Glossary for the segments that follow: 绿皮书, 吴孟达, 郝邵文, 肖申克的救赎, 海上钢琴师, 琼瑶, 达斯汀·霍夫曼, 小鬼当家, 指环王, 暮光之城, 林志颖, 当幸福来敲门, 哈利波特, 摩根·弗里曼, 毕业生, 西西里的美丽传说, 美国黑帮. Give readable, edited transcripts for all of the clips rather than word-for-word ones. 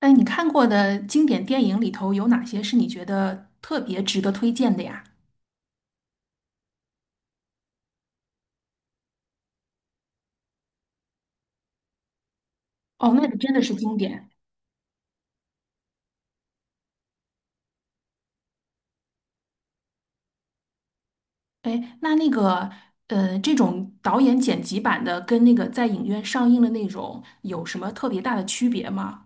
哎，你看过的经典电影里头有哪些是你觉得特别值得推荐的呀？哦，那个真的是经典。哎，那个，这种导演剪辑版的跟那个在影院上映的那种有什么特别大的区别吗？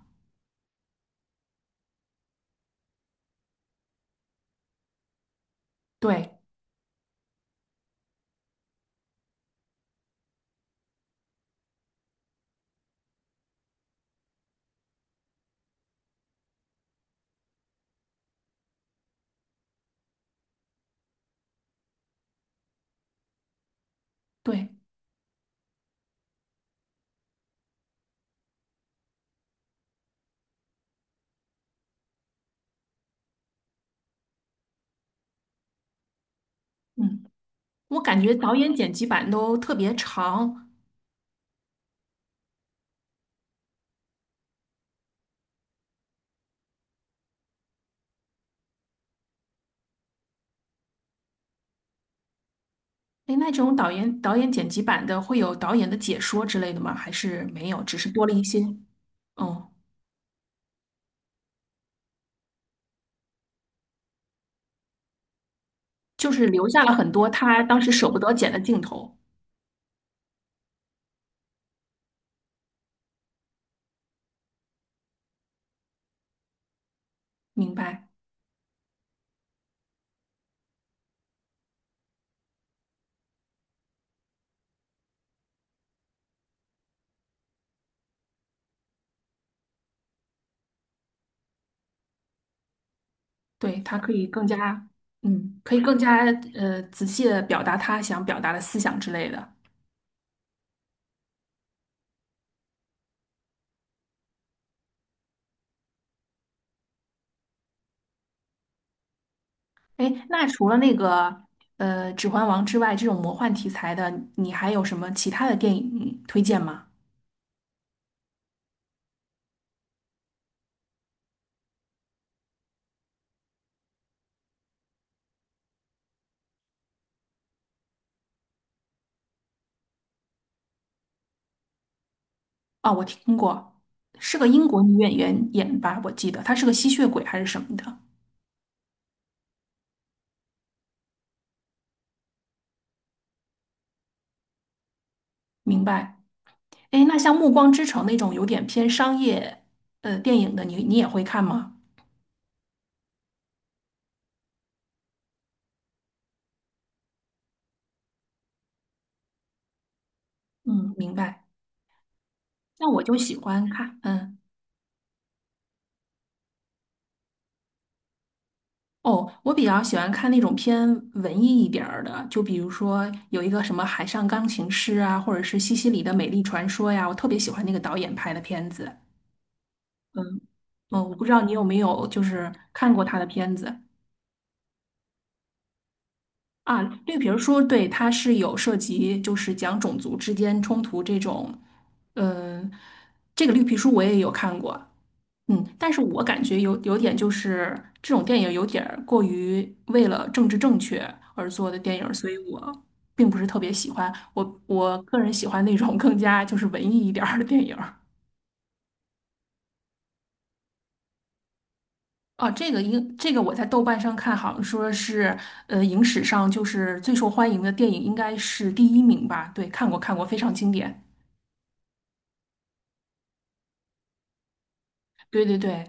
对对，嗯，我感觉导演剪辑版都特别长。哎，那这种导演剪辑版的会有导演的解说之类的吗？还是没有，只是多了一些，哦，就是留下了很多他当时舍不得剪的镜头。明白。对，他可以更加仔细的表达他想表达的思想之类的。哎，那除了那个《指环王》之外，这种魔幻题材的，你还有什么其他的电影推荐吗？哦，我听过，是个英国女演员演吧，我记得她是个吸血鬼还是什么的。明白。哎，那像《暮光之城》那种有点偏商业电影的，你也会看吗？嗯，明白。那我就喜欢看，嗯。哦，我比较喜欢看那种偏文艺一点儿的，就比如说有一个什么《海上钢琴师》啊，或者是《西西里的美丽传说》呀，我特别喜欢那个导演拍的片子。嗯嗯，我不知道你有没有就是看过他的片子啊？绿皮儿书》对，他是有涉及就是讲种族之间冲突这种，嗯，这个绿皮书我也有看过。嗯，但是我感觉有点就是这种电影有点儿过于为了政治正确而做的电影儿，所以我并不是特别喜欢。我个人喜欢那种更加就是文艺一点儿的电影儿。哦，这个应这个我在豆瓣上看，好像说是影史上就是最受欢迎的电影应该是第一名吧？对，看过看过，非常经典。对对对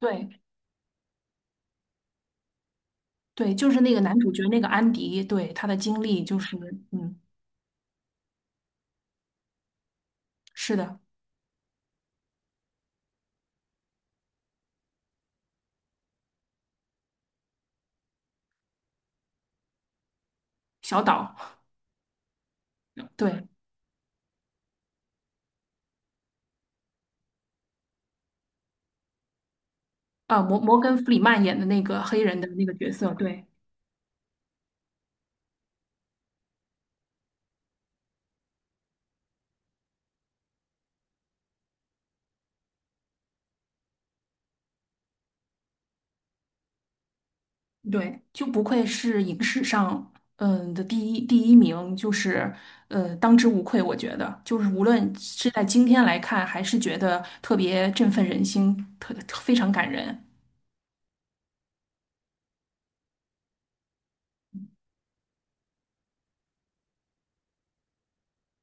对对，就是那个男主角那个安迪，对，他的经历就是嗯，是的，小岛，对。啊，摩根·弗里曼演的那个黑人的那个角色，对对，就不愧是影史上的第一名，就是当之无愧，我觉得就是无论是在今天来看，还是觉得特别振奋人心，非常感人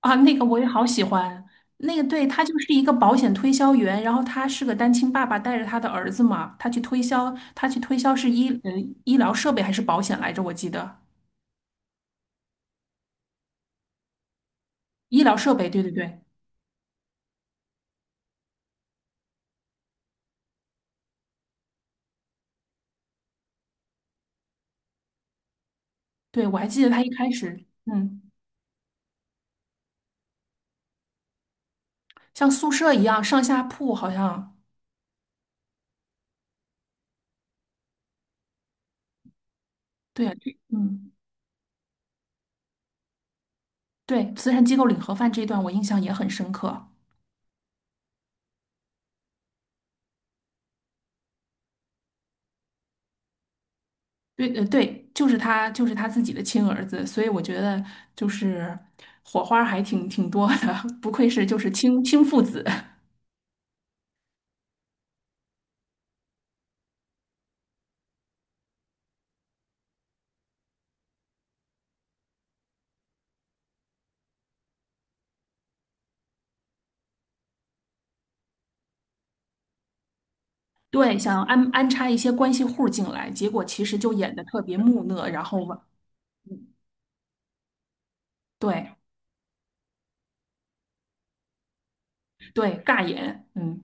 啊。那个我也好喜欢，那个对他就是一个保险推销员，然后他是个单亲爸爸带着他的儿子嘛，他去推销，他去推销是医疗设备还是保险来着？我记得医疗设备，对对对。对，我还记得他一开始，嗯，像宿舍一样上下铺，好像，对啊对，慈善机构领盒饭这一段我印象也很深刻。对，对，就是他，就是他自己的亲儿子，所以我觉得就是火花还挺多的，不愧是就是亲父子。对，想要安插一些关系户进来，结果其实就演的特别木讷，然后嘛，对对，尬演，嗯，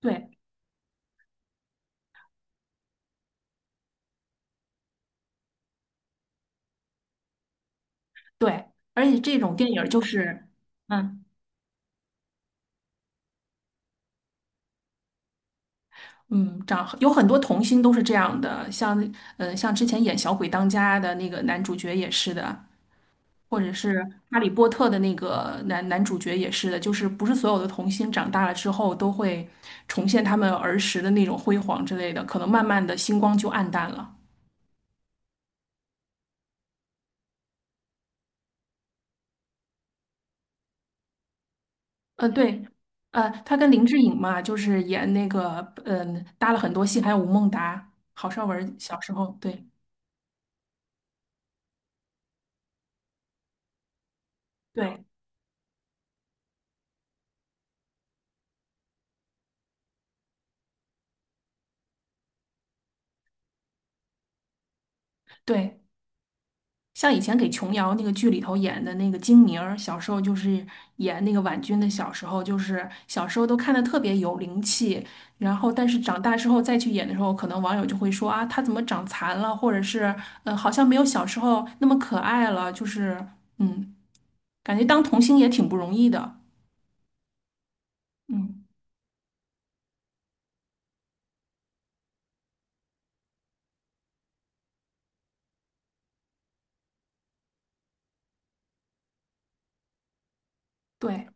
对对，而且这种电影儿就是，嗯。嗯，长有很多童星都是这样的，像之前演《小鬼当家》的那个男主角也是的，或者是《哈利波特》的那个男主角也是的，就是不是所有的童星长大了之后都会重现他们儿时的那种辉煌之类的，可能慢慢的星光就暗淡了。对，他跟林志颖嘛，就是演那个搭了很多戏，还有吴孟达、郝邵文小时候，对对对。像以前给琼瑶那个剧里头演的那个金明儿，小时候就是演那个婉君的小时候，就是小时候都看的特别有灵气，然后但是长大之后再去演的时候，可能网友就会说啊，她怎么长残了，或者是好像没有小时候那么可爱了，就是嗯，感觉当童星也挺不容易的，嗯，对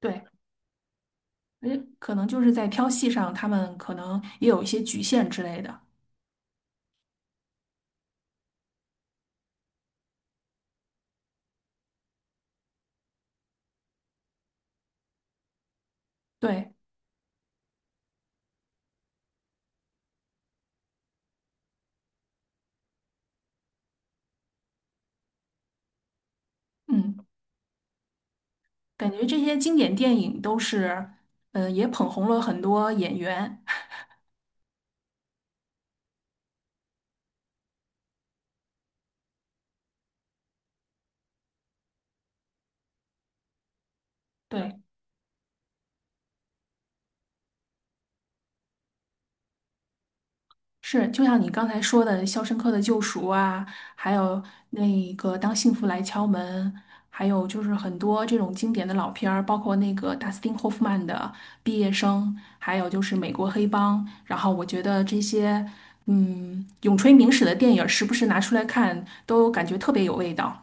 对，而且可能就是在挑戏上，他们可能也有一些局限之类的，对，嗯。感觉这些经典电影都是，也捧红了很多演员。对，是，就像你刚才说的《肖申克的救赎》啊，还有那个《当幸福来敲门》，还有就是很多这种经典的老片儿，包括那个达斯汀·霍夫曼的《毕业生》，还有就是《美国黑帮》。然后我觉得这些，永垂名史的电影，时不时拿出来看，都感觉特别有味道。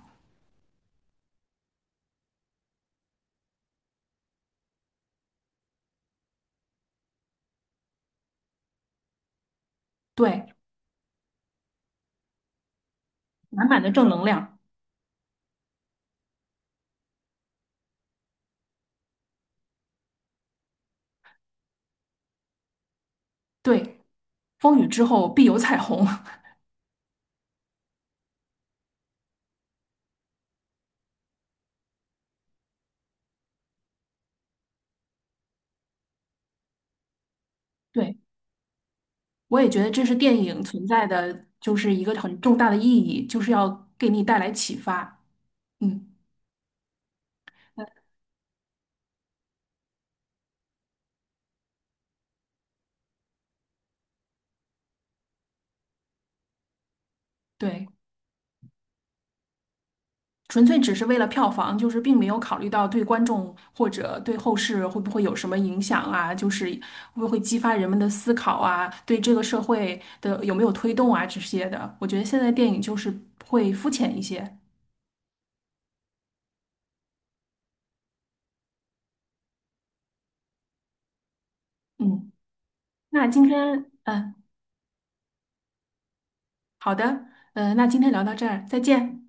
对，满满的正能量。对，风雨之后必有彩虹。对，我也觉得这是电影存在的，就是一个很重大的意义，就是要给你带来启发。嗯，呃对，纯粹只是为了票房，就是并没有考虑到对观众或者对后世会不会有什么影响啊，就是会不会激发人们的思考啊，对这个社会的有没有推动啊这些的。我觉得现在电影就是会肤浅一些。嗯，那今天，嗯，好的，那今天聊到这儿，再见。